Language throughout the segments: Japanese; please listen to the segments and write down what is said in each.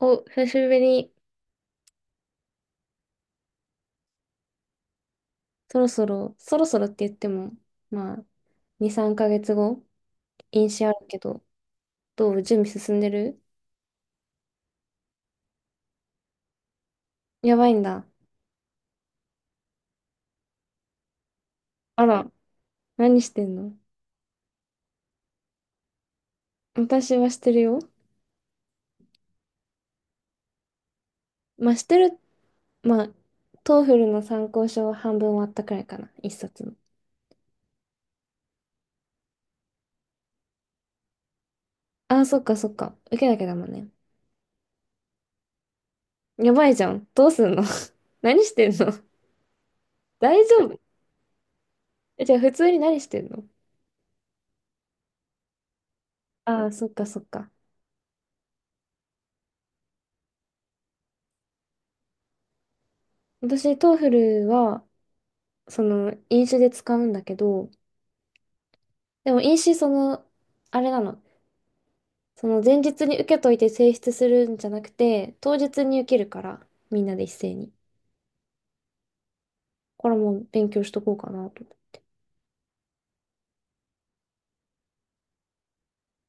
お、久しぶりに。そろそろ、そろそろって言っても、まあ、2、3ヶ月後、飲酒あるけど、どう準備進んでる？やばいんだ。あら、何してんの？私はしてるよ。まあ、してる、まあ、トーフルの参考書は半分終わったくらいかな、一冊の。ああ、そっかそっか。受けなきゃだもんね。やばいじゃん。どうすんの？ 何してんの？大丈夫？え、じゃあ普通に何してんの？ああ、そっかそっか。私、トーフルは、その飲酒で使うんだけど、でも飲酒その、あれなの、その前日に受けといて提出するんじゃなくて、当日に受けるから、みんなで一斉に。これも勉強しとこうかなと。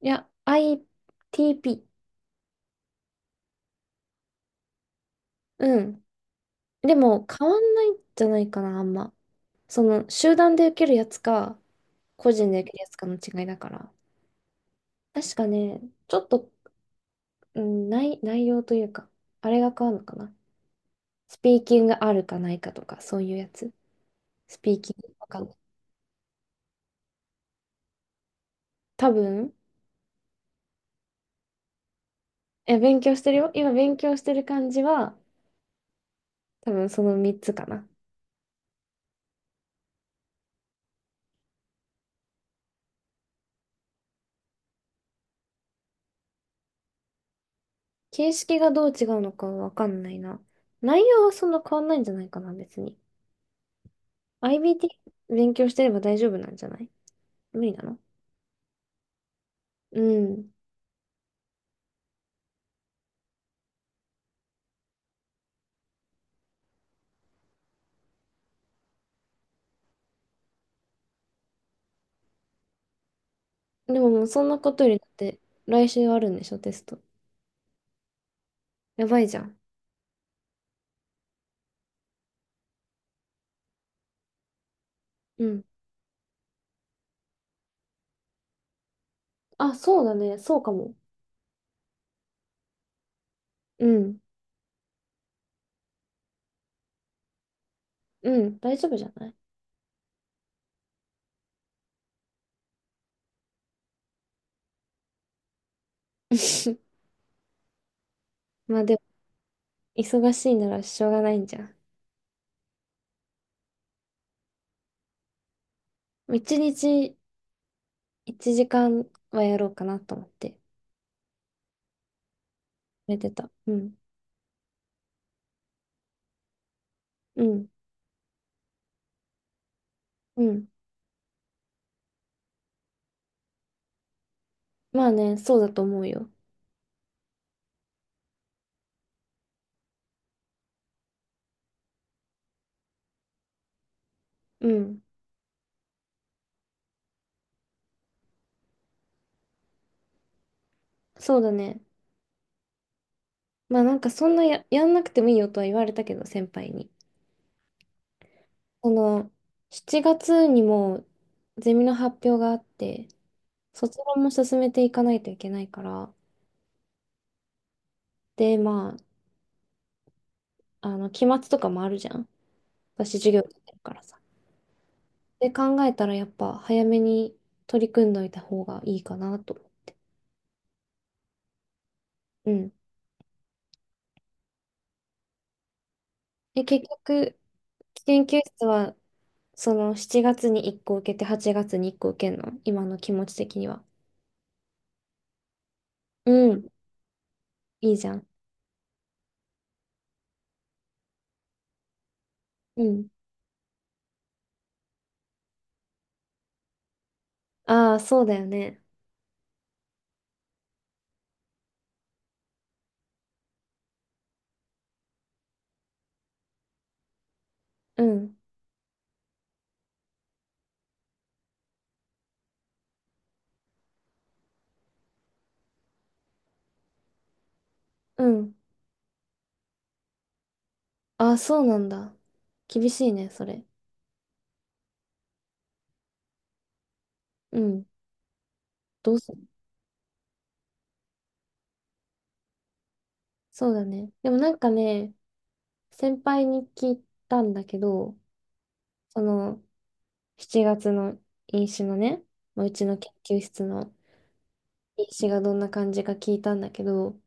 いや、ITP。うん。でも変わんないんじゃないかな、あんま。その集団で受けるやつか、個人で受けるやつかの違いだから。確かね、ちょっと、うん、内容というか、あれが変わるのかな。スピーキングあるかないかとか、そういうやつ。スピーキングわかんない。多分、え、勉強してるよ。今勉強してる感じは、多分その3つかな。形式がどう違うのかわかんないな。内容はそんな変わんないんじゃないかな、別に。IBT 勉強してれば大丈夫なんじゃない？無理なの？うん。でももうそんなことよりだって、来週あるんでしょ、テスト。やばいじゃん。うん。あ、そうだね。そうかも。うん。うん。大丈夫じゃない？ まあでも、忙しいならしょうがないんじゃん。一日1時間はやろうかなと思って、寝てた。うん。うん。うん。まあね、そうだと思うよ。うん。そうだね。まあなんかそんなやんなくてもいいよとは言われたけど、先輩に。その、7月にもゼミの発表があって、卒論も進めていかないといけないから、で、まあ、期末とかもあるじゃん。私、授業やってるからさ。で、考えたらやっぱ早めに取り組んどいた方がいいかなと。うん。え、結局、研究室は、その7月に1個受けて8月に1個受けるの？今の気持ち的には。うん、いいじゃん。うん。ああ、そうだよね。うん、うん。ああ、そうなんだ。厳しいね、それ。うん。どうする？そうだね。でもなんかね、先輩に聞いたんだけど、その7月の飲酒のね、まあうちの研究室の飲酒がどんな感じか聞いたんだけど、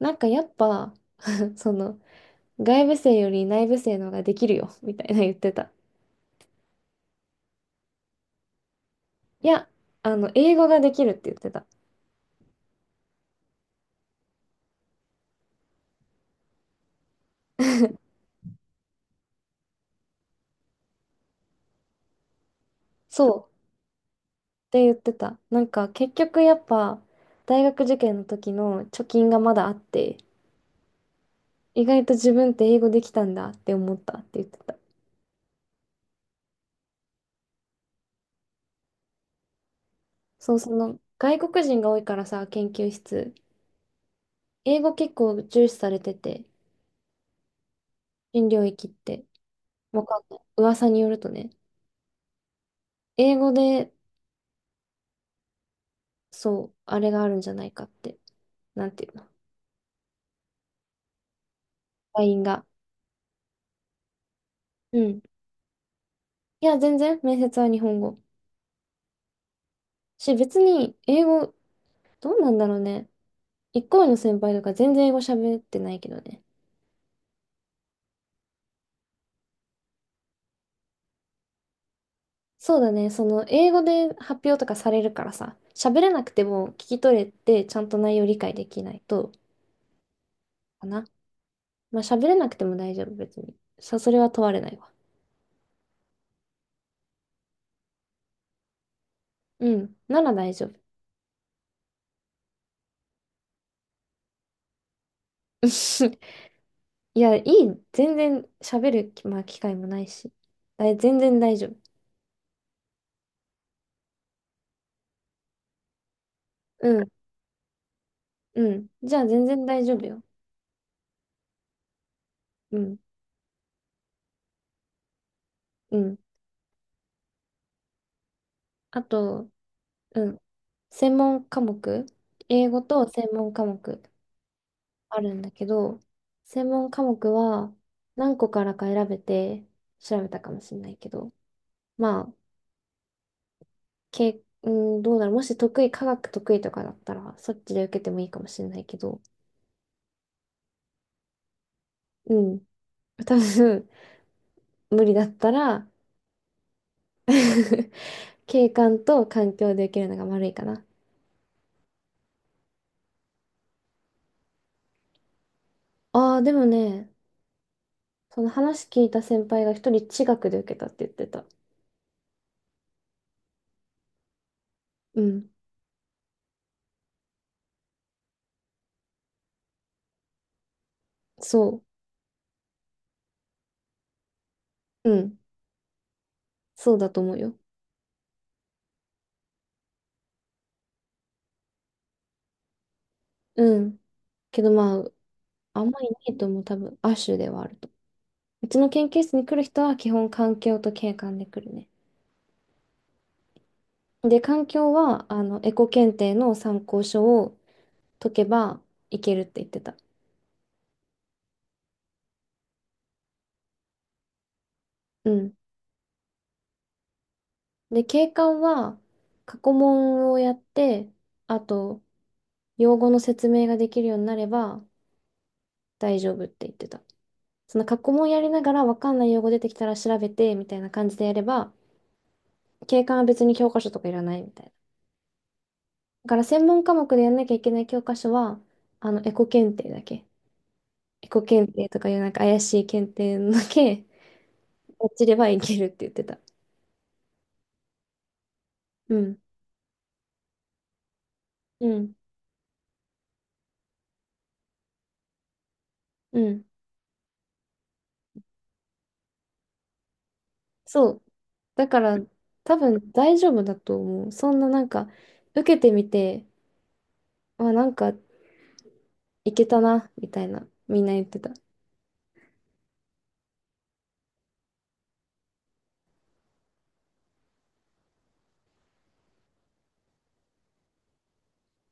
なんかやっぱ、その、外部生より内部生の方ができるよ、みたいな言ってた。いや、英語ができるって言ってた。そう、って言ってた。なんか、結局やっぱ、大学受験の時の貯金がまだあって、意外と自分って英語できたんだって思ったって言ってた。そう、その、外国人が多いからさ、研究室。英語結構重視されてて、新領域って。わかんない。噂によるとね、英語で、そう、あれがあるんじゃないかって。なんていうの？ LINE が。うん、いや、全然、面接は日本語。し、別に、英語、どうなんだろうね。一個上の先輩とか全然英語喋ってないけどね。そうだね、その、英語で発表とかされるからさ、喋れなくても聞き取れて、ちゃんと内容理解できないと、かな。まあ、喋れなくても大丈夫、別に。それは問われないわ。うん、なら大丈夫。いや、いい、全然喋る、まあ、機会もないし。全然大丈夫。うん、うん。じゃあ、全然大丈夫よ。うん、うん。あと、うん、専門科目、英語と専門科目あるんだけど、専門科目は何個からか選べて調べたかもしれないけど、まあ、うん、どうだろう、もし得意、科学得意とかだったら、そっちで受けてもいいかもしれないけど、うん、多分無理だったら 景観と環境で受けるのが悪いかな。ああ、でもね、その話聞いた先輩が一人地学で受けたって言ってた。うん、そう。うん、そうだと思うよ。うん。けどまあ、あんまりいないと思う。多分、亜種ではあると。うちの研究室に来る人は基本環境と景観で来るね。で、環境は、エコ検定の参考書を解けばいけるって言ってた。うん。で、景観は、過去問をやって、あと、用語の説明ができるようになれば大丈夫って言ってた。その過去問やりながら分かんない用語出てきたら調べてみたいな感じでやれば、景観は別に教科書とかいらないみたいな。だから専門科目でやんなきゃいけない教科書は、エコ検定だけ。エコ検定とかいうなんか怪しい検定のだけ、落ちればいけるって言ってた。うん。うん。うん。そう。だから、多分大丈夫だと思う。そんななんか、受けてみて、あ、なんか、いけたな、みたいな、みんな言ってた。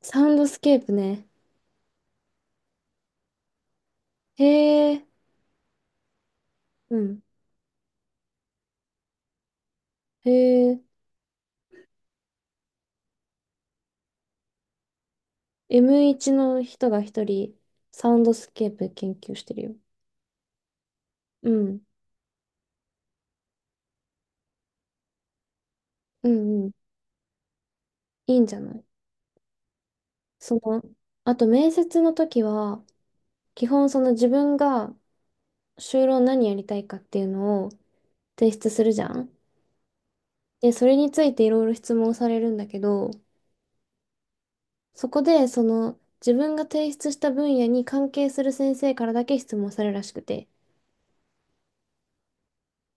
サウンドスケープね。へえ、うん。へえ、M1 の人が一人、サウンドスケープ研究してるよ。うん。うんうん。いいんじゃない？その、あと面接の時は、基本その自分が就労何やりたいかっていうのを提出するじゃん。で、それについていろいろ質問されるんだけど、そこでその自分が提出した分野に関係する先生からだけ質問されるらしくて。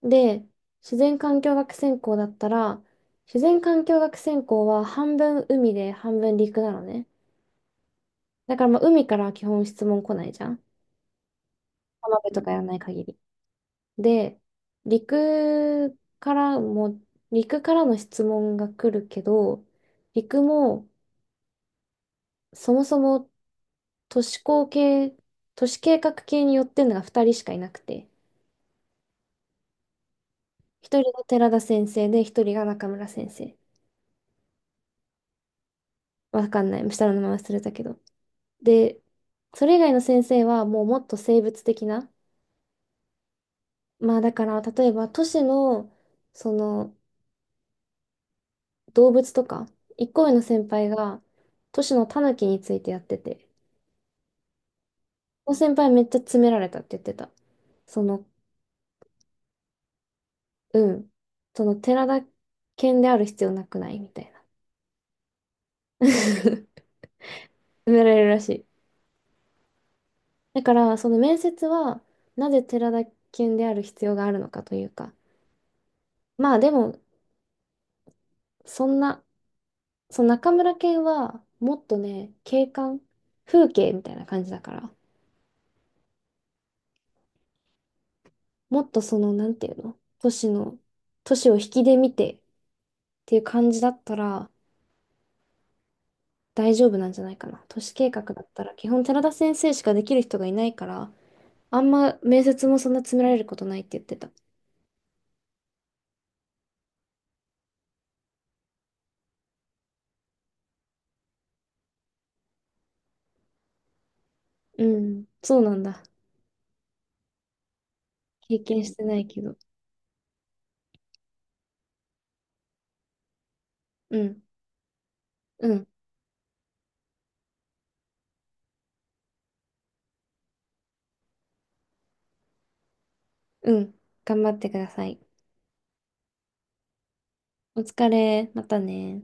で、自然環境学専攻だったら、自然環境学専攻は半分海で半分陸なのね。だからまあ海からは基本質問来ないじゃん。浜辺とかやらない限り。で、陸からも、陸からの質問が来るけど、陸もそもそも都市工系、都市計画系によってるのが2人しかいなくて、1人が寺田先生で、1人が中村先生。わかんない。下の名前忘れたけど。で、それ以外の先生はもうもっと生物的な、まあだから例えば都市のその動物とか、一個上の先輩が都市のタヌキについてやってて、の先輩めっちゃ詰められたって言ってた。その、うん。その寺田犬である必要なくない？みたいな。詰められるらしい。だから、その面接は、なぜ寺田犬である必要があるのかというか。まあでも、そんな、その中村犬は、もっとね、景観、風景みたいな感じだから、もっとその、なんていうの、都市の、都市を引きで見てっていう感じだったら、大丈夫なんじゃないかな。都市計画だったら、基本寺田先生しかできる人がいないから、あんま面接もそんな詰められることないって言ってた。うん、そうなんだ。経験してないけど。うん、うん、うん。頑張ってください。お疲れ。またね。